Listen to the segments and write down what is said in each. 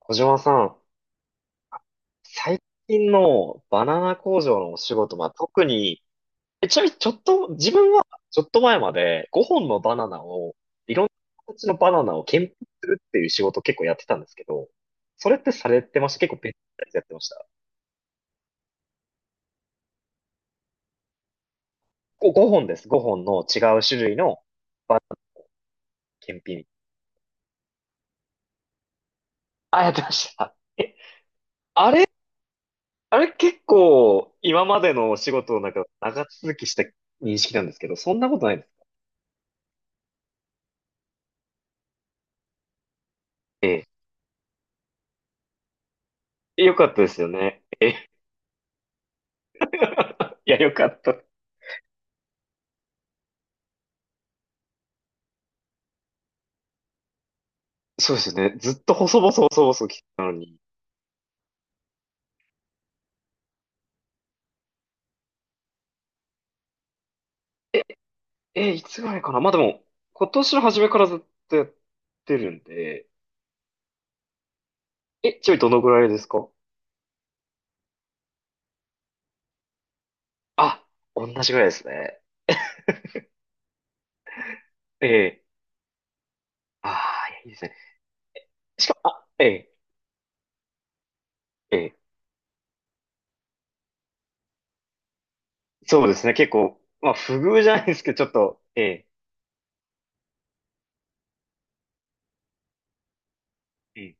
小島さん、最近のバナナ工場のお仕事は特に、ちなみにちょっと、自分はちょっと前まで5本のバナナを、いろんな形のバナナを検品するっていう仕事を結構やってたんですけど、それってされてました？結構別のやつやってました。5本です。5本の違う種類のバナナ検品。あ、やってました。え、あれ、あれ結構今までのお仕事の中、長続きした認識なんですけど、そんなことないです。ええ、よかったですよね。いや、よかった。そうですよね。ずっと細々細々来てたのに。え、いつぐらいかな、でも、今年の初めからずっとやってるんで、ちなみにどのぐらいですか？あ、同じぐらいですね。ええ。ああ、いや、いいですね。しかも、あ、ええ、ええ。そうですね。結構、まあ、不遇じゃないですけど、ちょっと、ええ、ええ。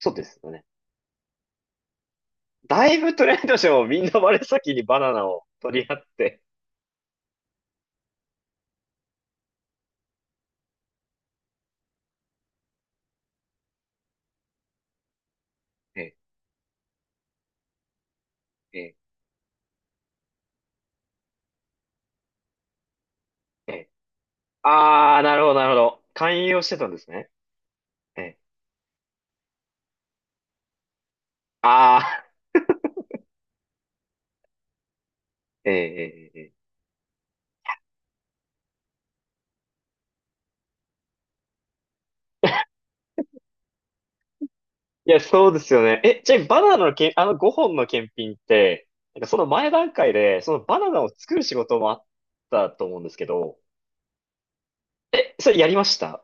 そうですよね。だいぶトレンドしてもみんな真っ先にバナナを取り合って、ええ、ええ。ええ、ああ、なるほど、なるほど。勧誘をしてたんですね。ええ。ああ、ええ、ええ。ええ、いや、そうですよね。じゃあ、バナナのけん、あの5本の検品って、なんかその前段階で、そのバナナを作る仕事もあったと思うんですけど、それやりました？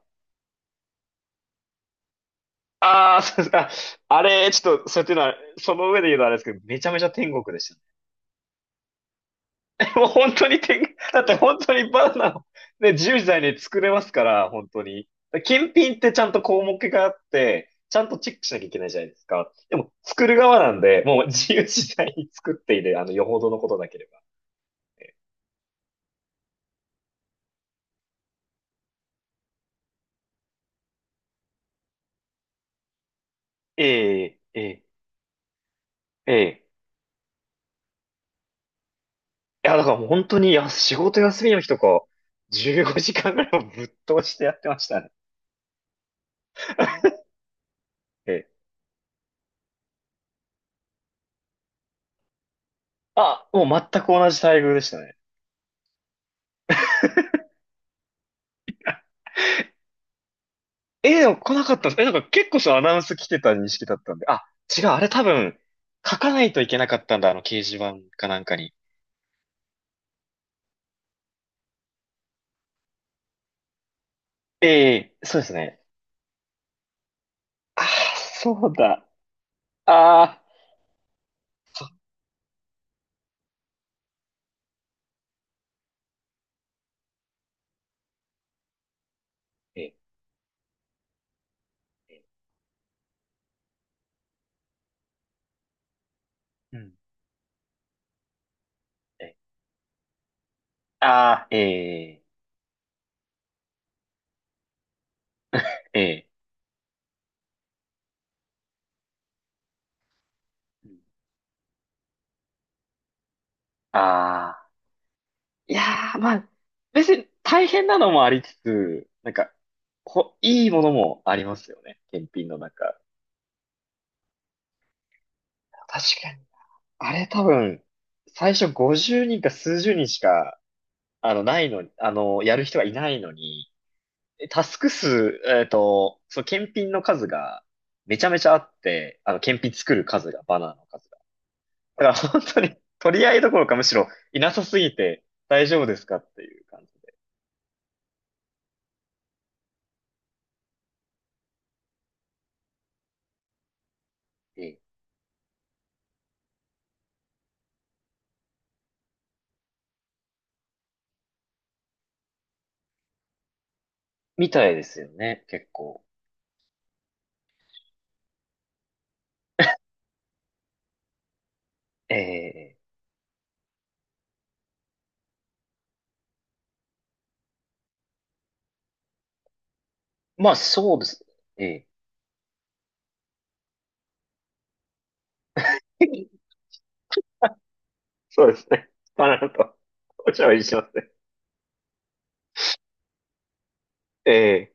ああー、そうですか。あれ、ちょっと、そういうのは、その上で言うのはあれですけど、めちゃめちゃ天国でした。もう本当にだって本当にバナナを、ね、自由自在に作れますから、本当に。検品ってちゃんと項目があって、ちゃんとチェックしなきゃいけないじゃないですか。でも、作る側なんで、もう自由自在に作っている、よほどのことなければ。ええ、ええ、ええ。いや、だからもう本当に、仕事休みの日とか、15時間ぐらいもぶっ通してやってましたね。ええ。あ、もう全く同じ待遇でしたね。でも来なかったんです。なんか結構そうアナウンス来てた認識だったんで。あ、違う、あれ多分、書かないといけなかったんだ、あの掲示板かなんかに。ええ、そうですね。ああ、そうだ。ああ、そう、ええ、ええ、うん、ええ、あー、ええ、ええ、ああ、いやー、まあ、別に大変なのもありつつ、なんか、いいものもありますよね、検品の中。確かに。あれ多分、最初50人か数十人しか、ないのに、やる人がいないのに、タスク数、その検品の数がめちゃめちゃあって、検品作る数が、バナーの数が。だから本当に取り合いどころかむしろいなさすぎて大丈夫ですかっていう感じで。ええ、みたいですよね、結構。ええ、まあそうです。ええ そうですね。バナナとお茶はいりしますね。ええ、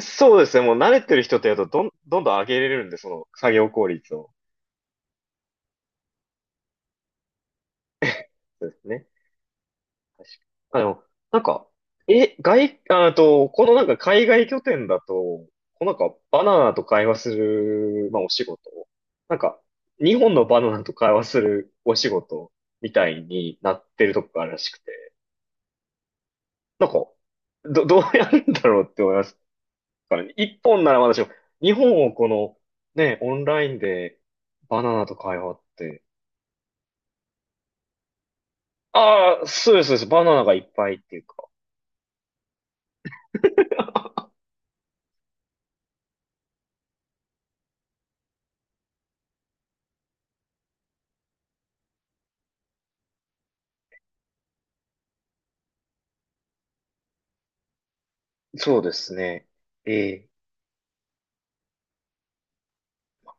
そうですね。もう慣れてる人ってやると、どんどん上げれるんで、その作業効率を。そうですね。あ、でも、なんか、あと、このなんか海外拠点だと、こうなんかバナナと会話する、まあお仕事、なんか、日本のバナナと会話するお仕事みたいになってるとこがあるらしくて、なんか、どうやるんだろうって思いますからね。一本ならまだしも、日本をこの、ね、オンラインでバナナと会話って、ああ、そうです、そうです。バナナがいっぱいっていうか。そうですね。ええ、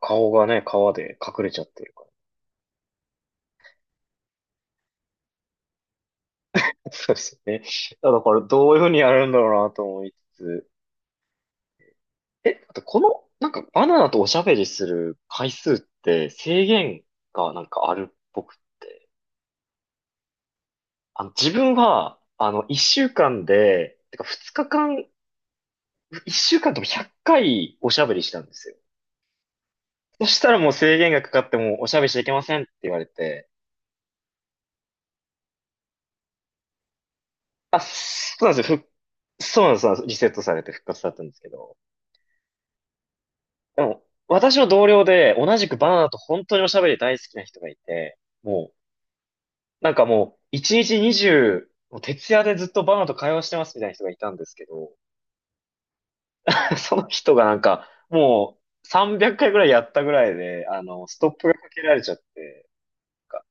顔がね、皮で隠れちゃってるから。そうですよね。だからどういうふうにやるんだろうなと思いつつ。あとこの、なんかバナナとおしゃべりする回数って制限がなんかあるっぽくって。あの、自分は、あの、一週間で、てか二日間、一週間とも100回おしゃべりしたんですよ。そしたらもう制限がかかってもうおしゃべりしちゃいけませんって言われて、あ、そうなんですよ。そうなんです、そうなんですリセットされて復活だったんですけど。でも、私の同僚で、同じくバナナと本当におしゃべり大好きな人がいて、もう、なんかもう、1日20、もう徹夜でずっとバナナと会話してますみたいな人がいたんですけど、その人がなんか、もう、300回ぐらいやったぐらいで、あの、ストップがかけられちゃって、なんか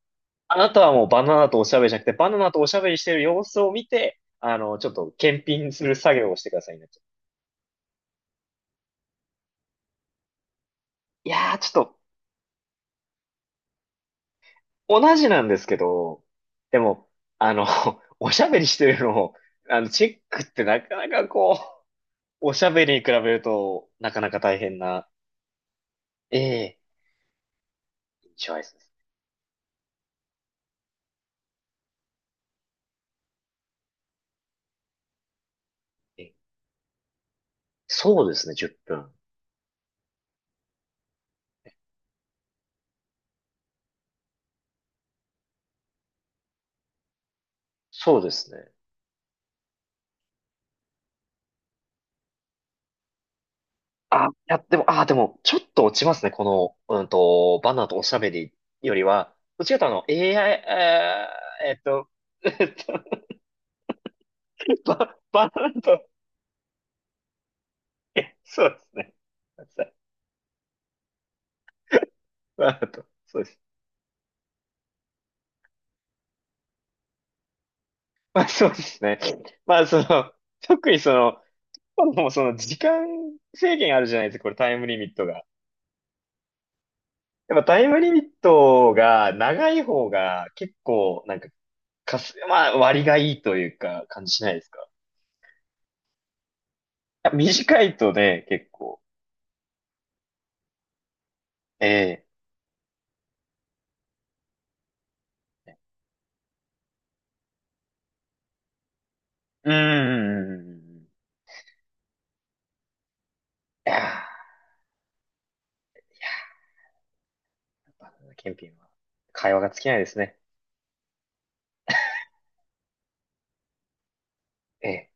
あなたはもうバナナとおしゃべりじゃなくて、バナナとおしゃべりしてる様子を見て、あの、ちょっと検品する作業をしてくださいになっちゃって、いやー、ちょっと、同じなんですけど、でも、あの、おしゃべりしてるのを、あの、チェックってなかなかこう、おしゃべりに比べると、なかなか大変な、ええ、印象ですね。そうですね、10分。そうですね。あ、いや、でも、あ、でも、ちょっと落ちますね、この、うんと、バナーとおしゃべりよりは、どっちかというとあの、ーえっと、えっと、バナーと、そうですね。ごめんなさい、バナーと、そうです。まあそうですね。まあその、特にその、もうその時間制限あるじゃないですか、これタイムリミットが。やっぱタイムリミットが長い方が結構なんか、まあ割がいいというか感じしないですか。いや短いとね、結構。ええ。うん、うん、うんうんうん。いやー、いやー、やっぱねケンピンは会話が尽きないですね。ええ。